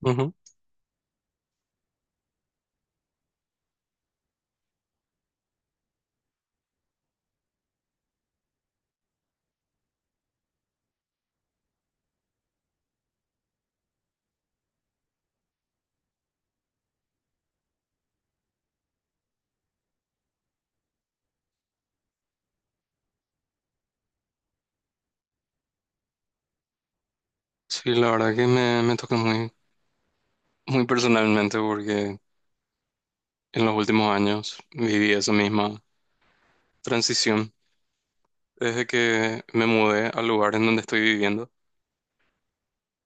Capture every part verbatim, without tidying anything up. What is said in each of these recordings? Ujú. Sí, la verdad que me, me toca muy, muy personalmente porque en los últimos años viví esa misma transición. Desde que me mudé al lugar en donde estoy viviendo,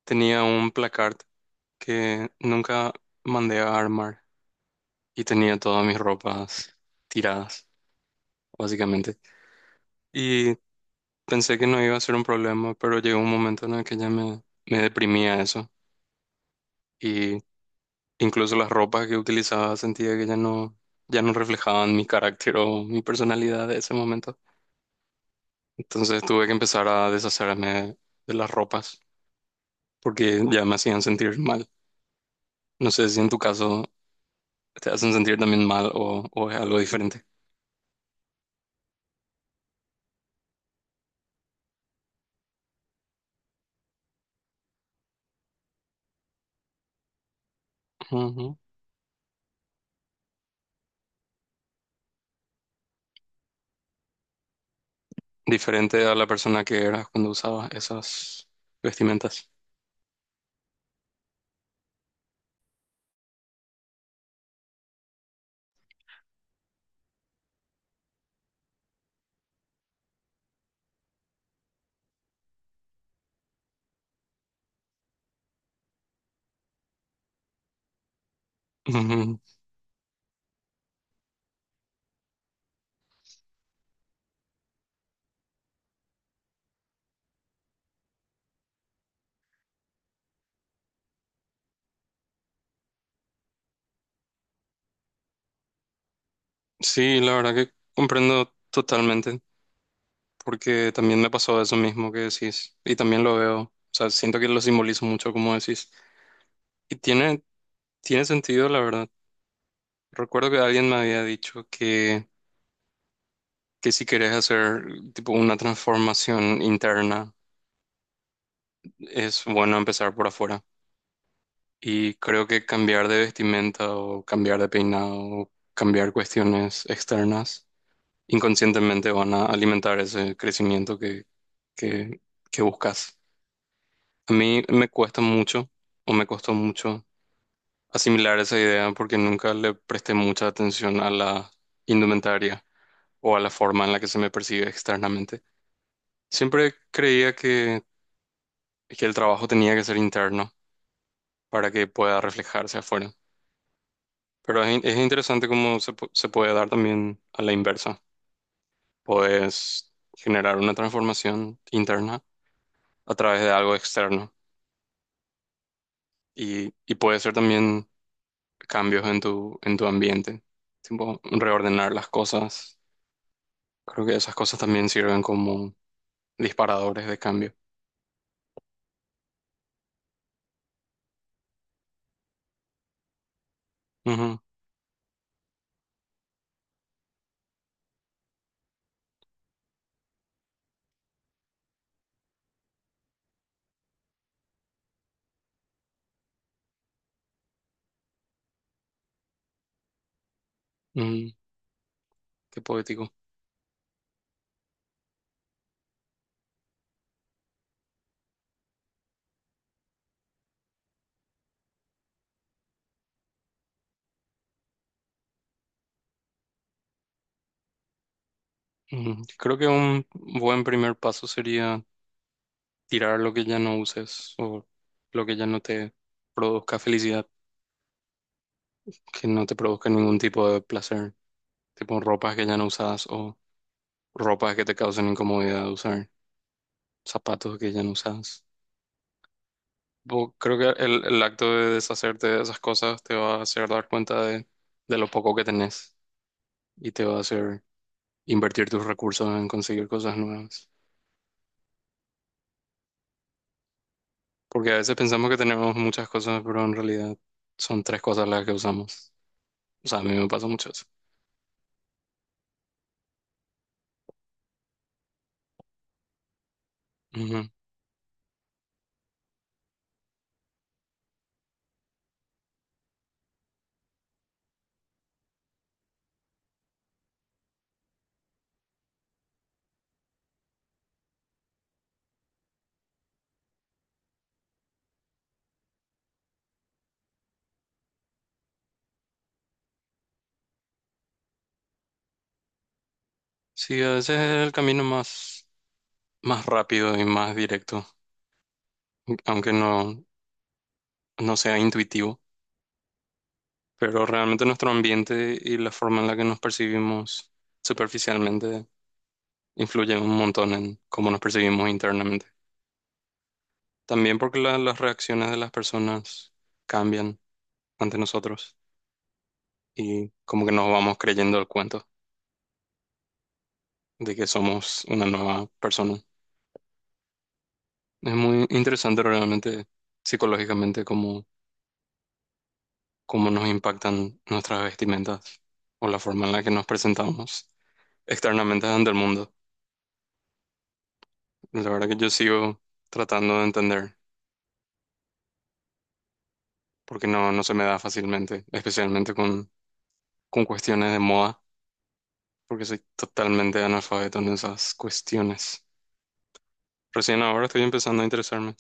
tenía un placard que nunca mandé a armar y tenía todas mis ropas tiradas, básicamente. Y pensé que no iba a ser un problema, pero llegó un momento en el que ya me, me deprimía eso. Incluso las ropas que utilizaba sentía que ya no, ya no reflejaban mi carácter o mi personalidad de ese momento. Entonces tuve que empezar a deshacerme de las ropas porque ya me hacían sentir mal. No sé si en tu caso te hacen sentir también mal o, o es algo diferente. Ujú. Diferente a la persona que eras cuando usabas esas vestimentas. Ujú. Sí, la verdad que comprendo totalmente, porque también me pasó eso mismo que decís, y también lo veo, o sea, siento que lo simbolizo mucho como decís. Y tiene, tiene sentido, la verdad. Recuerdo que alguien me había dicho que, que si querés hacer tipo una transformación interna, es bueno empezar por afuera. Y creo que cambiar de vestimenta o cambiar de peinado o cambiar cuestiones externas inconscientemente van a alimentar ese crecimiento que, que, que buscas. A mí me cuesta mucho o me costó mucho asimilar esa idea porque nunca le presté mucha atención a la indumentaria, o a la forma en la que se me percibe externamente. Siempre creía que, que el trabajo tenía que ser interno para que pueda reflejarse afuera. Pero es, in- es interesante cómo se, pu- se puede dar también a la inversa. Puedes generar una transformación interna a través de algo externo y, y puede ser también cambios en tu, en tu ambiente, tipo reordenar las cosas. Creo que esas cosas también sirven como disparadores de cambio. Ujú, ujú. Qué poético. Ujú. Creo que un buen primer paso sería tirar lo que ya no uses o lo que ya no te produzca felicidad, que no te produzca ningún tipo de placer, tipo ropas que ya no usas o ropas que te causen incomodidad de usar, zapatos que ya no usas. Bo- Creo que el, el acto de deshacerte de esas cosas te va a hacer dar cuenta de, de lo poco que tenés y te va a hacer invertir tus recursos en conseguir cosas nuevas. Porque a veces pensamos que tenemos muchas cosas, pero en realidad son tres cosas las que usamos. O sea, a mí me pasa mucho eso. Ujú. Sí, a veces es el camino más, más rápido y más directo, aunque no, no sea intuitivo. Pero realmente nuestro ambiente y la forma en la que nos percibimos superficialmente influyen un montón en cómo nos percibimos internamente. También porque la- las reacciones de las personas cambian ante nosotros y como que nos vamos creyendo el cuento de que somos una nueva persona. Es muy interesante realmente psicológicamente cómo, cómo nos impactan nuestras vestimentas o la forma en la que nos presentamos externamente ante el mundo. La verdad que yo sigo tratando de entender porque no, no se me da fácilmente, especialmente con, con cuestiones de moda, porque soy totalmente analfabeto en esas cuestiones. Recién ahora estoy empezando a interesarme.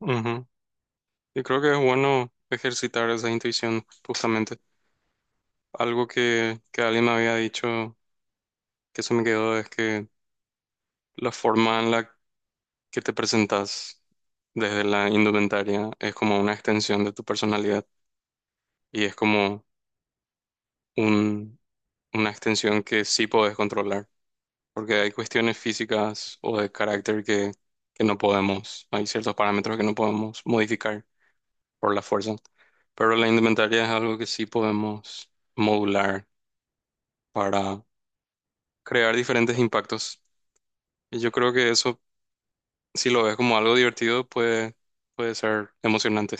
Ujú. Y creo que es bueno ejercitar esa intuición justamente. Algo que, que alguien me había dicho que se me quedó es que la forma en la que te presentas desde la indumentaria es como una extensión de tu personalidad y es como un, una extensión que sí podés controlar, porque hay cuestiones físicas o de carácter que, que no podemos, hay ciertos parámetros que no podemos modificar por la fuerza, pero la indumentaria es algo que sí podemos modular para crear diferentes impactos. Y yo creo que eso si lo ves como algo divertido, puede, puede ser emocionante.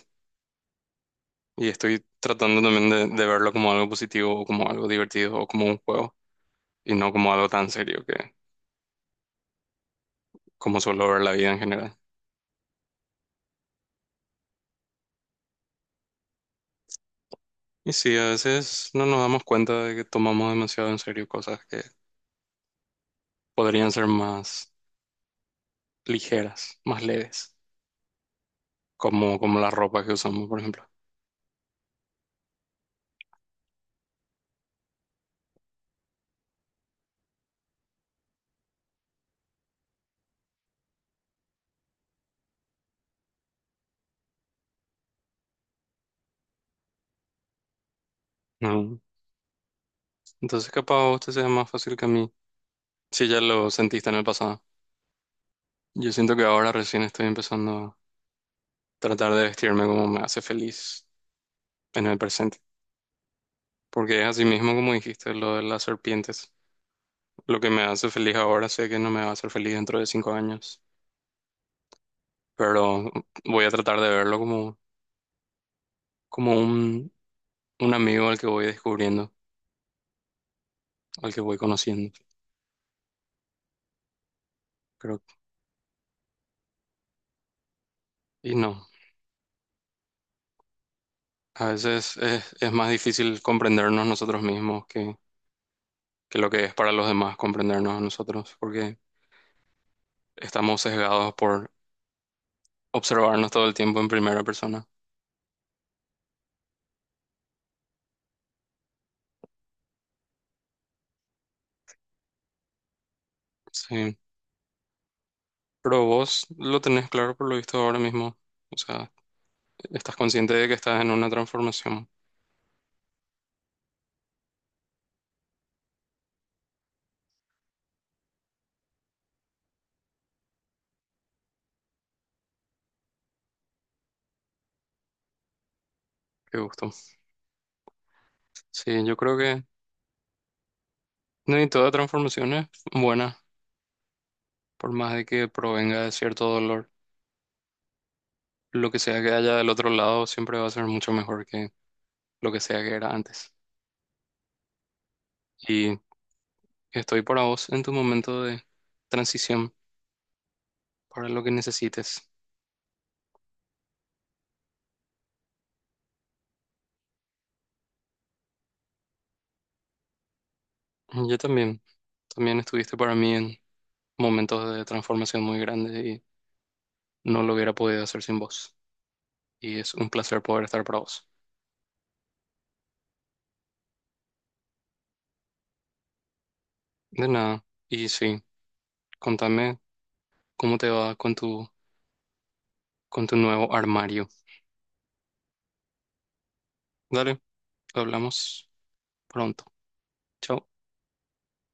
Y estoy tratando también de, de verlo como algo positivo o como algo divertido o como un juego y no como algo tan serio que como suelo ver la vida en general. Y sí, a veces no nos damos cuenta de que tomamos demasiado en serio cosas que podrían ser más ligeras, más leves, como, como la ropa que usamos, por ejemplo. Ujú. Entonces capaz a usted sea más fácil que a mí, si ya lo sentiste en el pasado. Yo siento que ahora recién estoy empezando tratar de vestirme como me hace feliz en el presente. Porque es así mismo como dijiste lo de las serpientes. Lo que me hace feliz ahora sé que no me va a hacer feliz dentro de cinco años, pero voy a tratar de verlo como, como un, un amigo al que voy descubriendo, al que voy conociendo. Pero, y no, a veces es, es más difícil comprendernos nosotros mismos que, que lo que es para los demás comprendernos a nosotros, porque estamos sesgados por observarnos todo el tiempo en primera persona. Sí. Pero vos lo tenés claro por lo visto ahora mismo. O sea, estás consciente de que estás en una transformación. Qué gusto. Sí, yo creo que no hay toda transformación es buena, por más de que provenga de cierto dolor. Lo que sea que haya del otro lado siempre va a ser mucho mejor que lo que sea que era antes. Y estoy para vos en tu momento de transición, para lo que necesites. Yo también. También estuviste para mí en momentos de transformación muy grandes y no lo hubiera podido hacer sin vos. Y es un placer poder estar para vos. De nada. Y sí, contame cómo te va con tu, con tu nuevo armario. Dale, hablamos pronto. Chao.